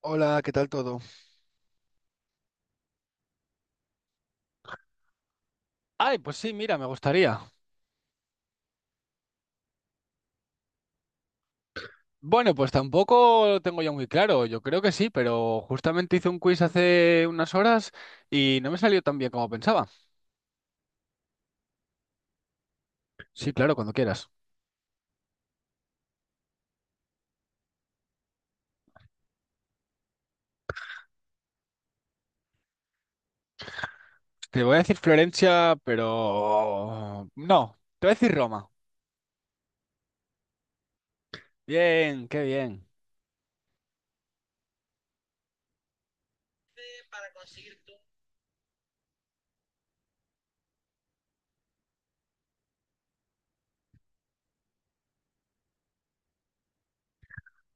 Hola, ¿qué tal todo? Ay, pues sí, mira, me gustaría. Bueno, pues tampoco lo tengo ya muy claro. Yo creo que sí, pero justamente hice un quiz hace unas horas y no me salió tan bien como pensaba. Sí, claro, cuando quieras. Te voy a decir Florencia, pero no, te voy a decir Roma. Bien, qué bien.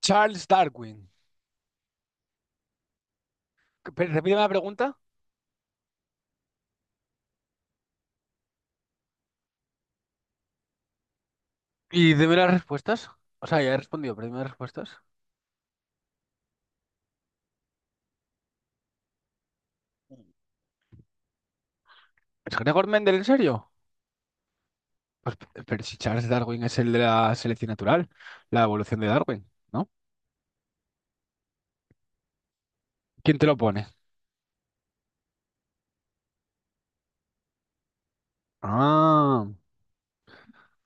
Charles Darwin. Repíteme la pregunta y dime las respuestas. O sea, ya he respondido, pero dime las respuestas. ¿Es Gregor Mendel, en serio? Pues, pero si Charles Darwin es el de la selección natural, la evolución de Darwin, ¿no? ¿Quién te lo pone? Ah,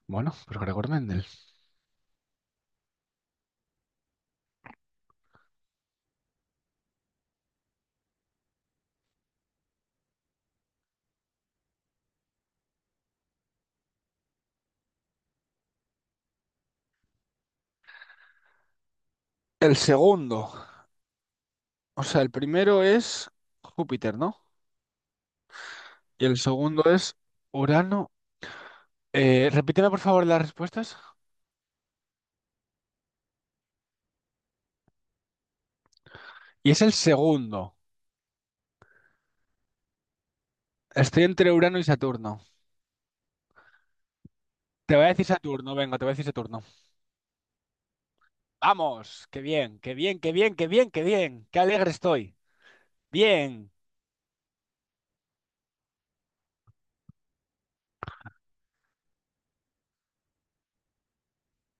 bueno, pues Gregor Mendel. El segundo, o sea, el primero es Júpiter, ¿no? Y el segundo es Urano. Repíteme por favor las respuestas. Y es el segundo. Estoy entre Urano y Saturno. Te voy a decir Saturno, venga, te voy a decir Saturno. Vamos, qué bien, qué bien, qué bien, qué bien, qué bien. Qué alegre estoy. Bien,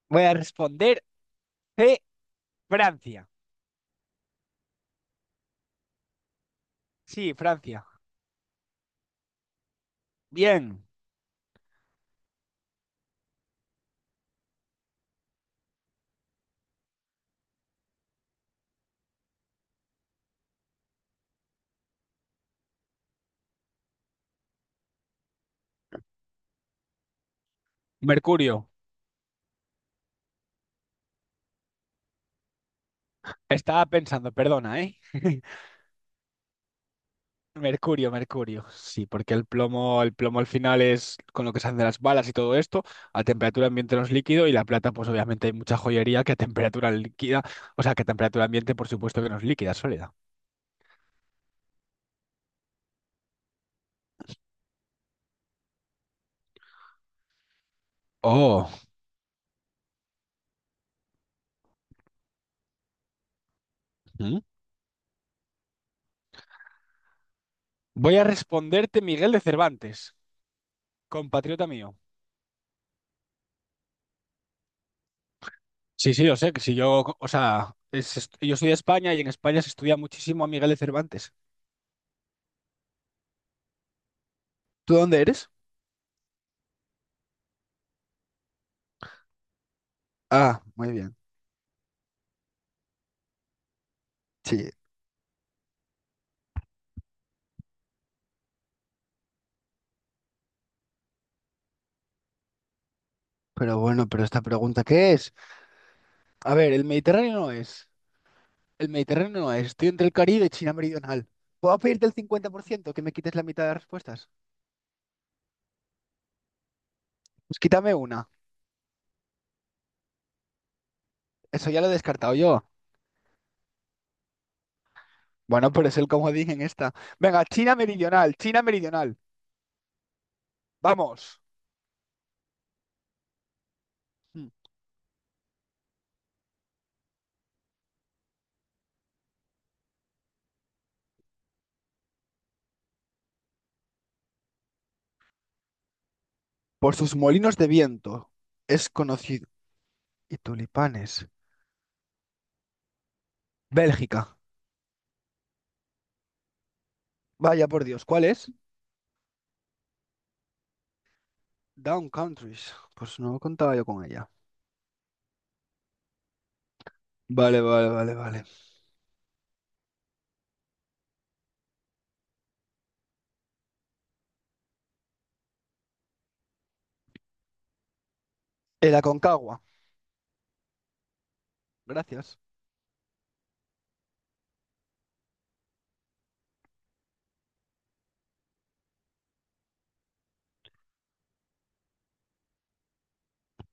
voy a responder C, Francia. Sí, Francia. Bien, Mercurio. Estaba pensando, perdona, ¿eh? Mercurio, Mercurio. Sí, porque el plomo al final es con lo que se hacen las balas y todo esto. A temperatura ambiente no es líquido y la plata, pues obviamente hay mucha joyería que a temperatura líquida, o sea, que a temperatura ambiente, por supuesto que no es líquida, es sólida. Oh, ¿Mm? voy a responderte Miguel de Cervantes, compatriota mío. Sí, sí, yo sé que si yo, o sea, yo soy de España y en España se estudia muchísimo a Miguel de Cervantes. ¿Tú dónde eres? Ah, muy bien. Sí. Pero bueno, pero esta pregunta, ¿qué es? A ver, el Mediterráneo no es. El Mediterráneo no es. Estoy entre el Caribe y China Meridional. ¿Puedo pedirte el 50% que me quites la mitad de las respuestas? Pues quítame una. Eso ya lo he descartado yo. Bueno, pero es el comodín en esta. Venga, China Meridional, China Meridional. Vamos. Mm. Por sus molinos de viento es conocido. Y tulipanes. Bélgica. Vaya por Dios, ¿cuál es? Down Countries. Pues no contaba yo con ella. Vale, vale, vale, vale. El Aconcagua. Gracias.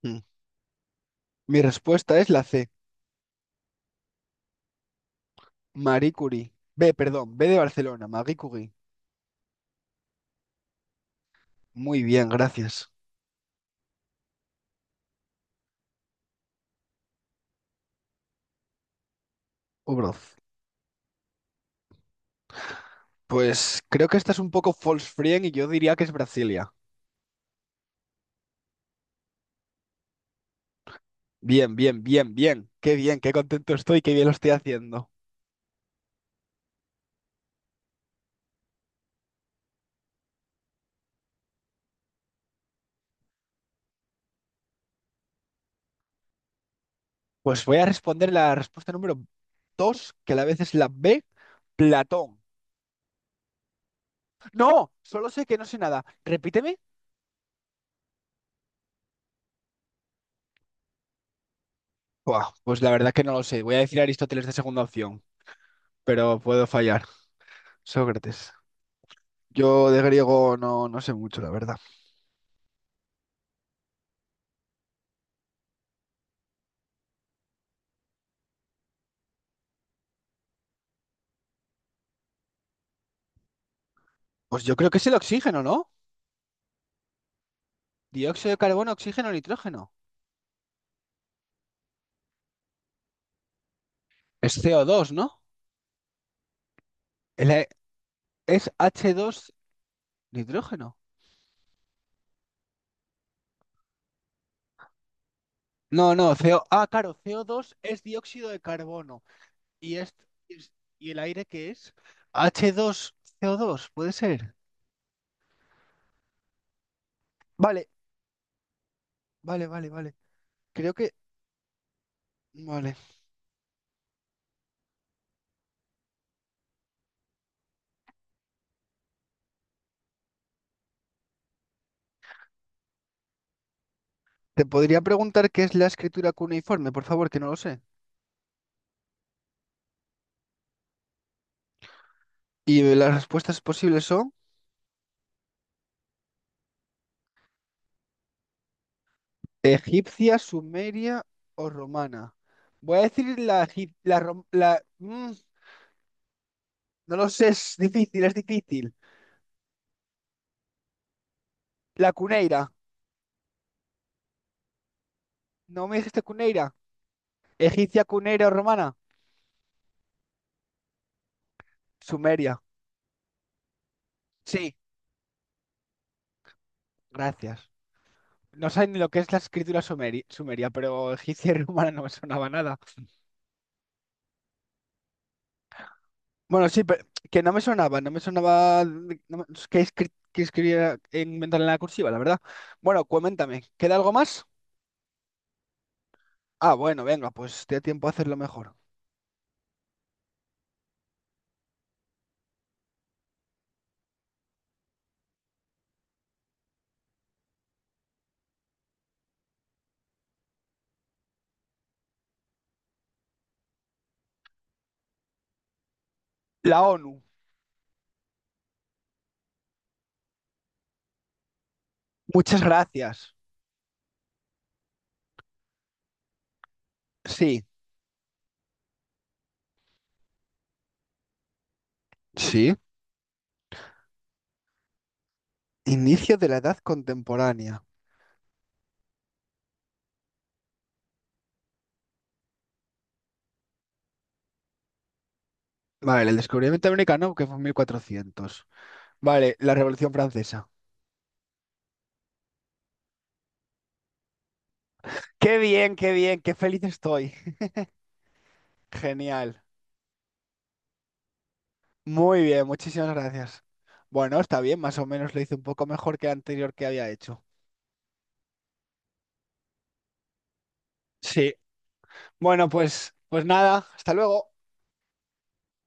Mm. Mi respuesta es la C, Marie Curie. B, perdón, B de Barcelona, Marie Curie. Muy bien, gracias. Obroz. Pues creo que esta es un poco false friend y yo diría que es Brasilia. Bien, bien, bien, bien. Qué bien, qué contento estoy, qué bien lo estoy haciendo. Pues voy a responder la respuesta número 2, que a la vez es la B, Platón. No, solo sé que no sé nada. Repíteme. Buah, pues la verdad que no lo sé. Voy a decir Aristóteles de segunda opción, pero puedo fallar. Sócrates. Yo de griego no, no sé mucho, la verdad. Pues yo creo que es el oxígeno, ¿no? Dióxido de carbono, oxígeno, nitrógeno. Es CO2, ¿no? El e- es H2 nitrógeno. No, no, CO... Ah, claro, CO2 es dióxido de carbono. ¿Y, es- y el aire qué es? H2, CO2, puede ser. Vale, vale, vale, vale. Creo que. Vale. Te podría preguntar qué es la escritura cuneiforme, por favor, que no lo sé. Y las respuestas posibles son. Egipcia, sumeria o romana. Voy a decir la, egip- la, rom- la- mm, no lo sé, es difícil, es difícil. La cuneira. ¿No me dijiste cuneira? Egipcia, cuneira o romana. Sumeria. Sí, gracias. No sé ni lo que es la escritura sumeria, pero egipcia y romana no me sonaba nada. Bueno, sí, pero que no me sonaba, no me sonaba de- no me- que, escri- que escribiera inventar en la cursiva, la verdad. Bueno, coméntame, ¿queda algo más? Ah, bueno, venga, pues te da tiempo a hacerlo mejor. La ONU. Muchas gracias. Sí, sí. Inicio de la edad contemporánea. Vale, el descubrimiento americano que fue en 1400. Vale, la Revolución Francesa. Qué bien, qué bien, qué feliz estoy. Genial. Muy bien, muchísimas gracias. Bueno, está bien, más o menos lo hice un poco mejor que el anterior que había hecho. Sí. Bueno, pues nada, hasta luego.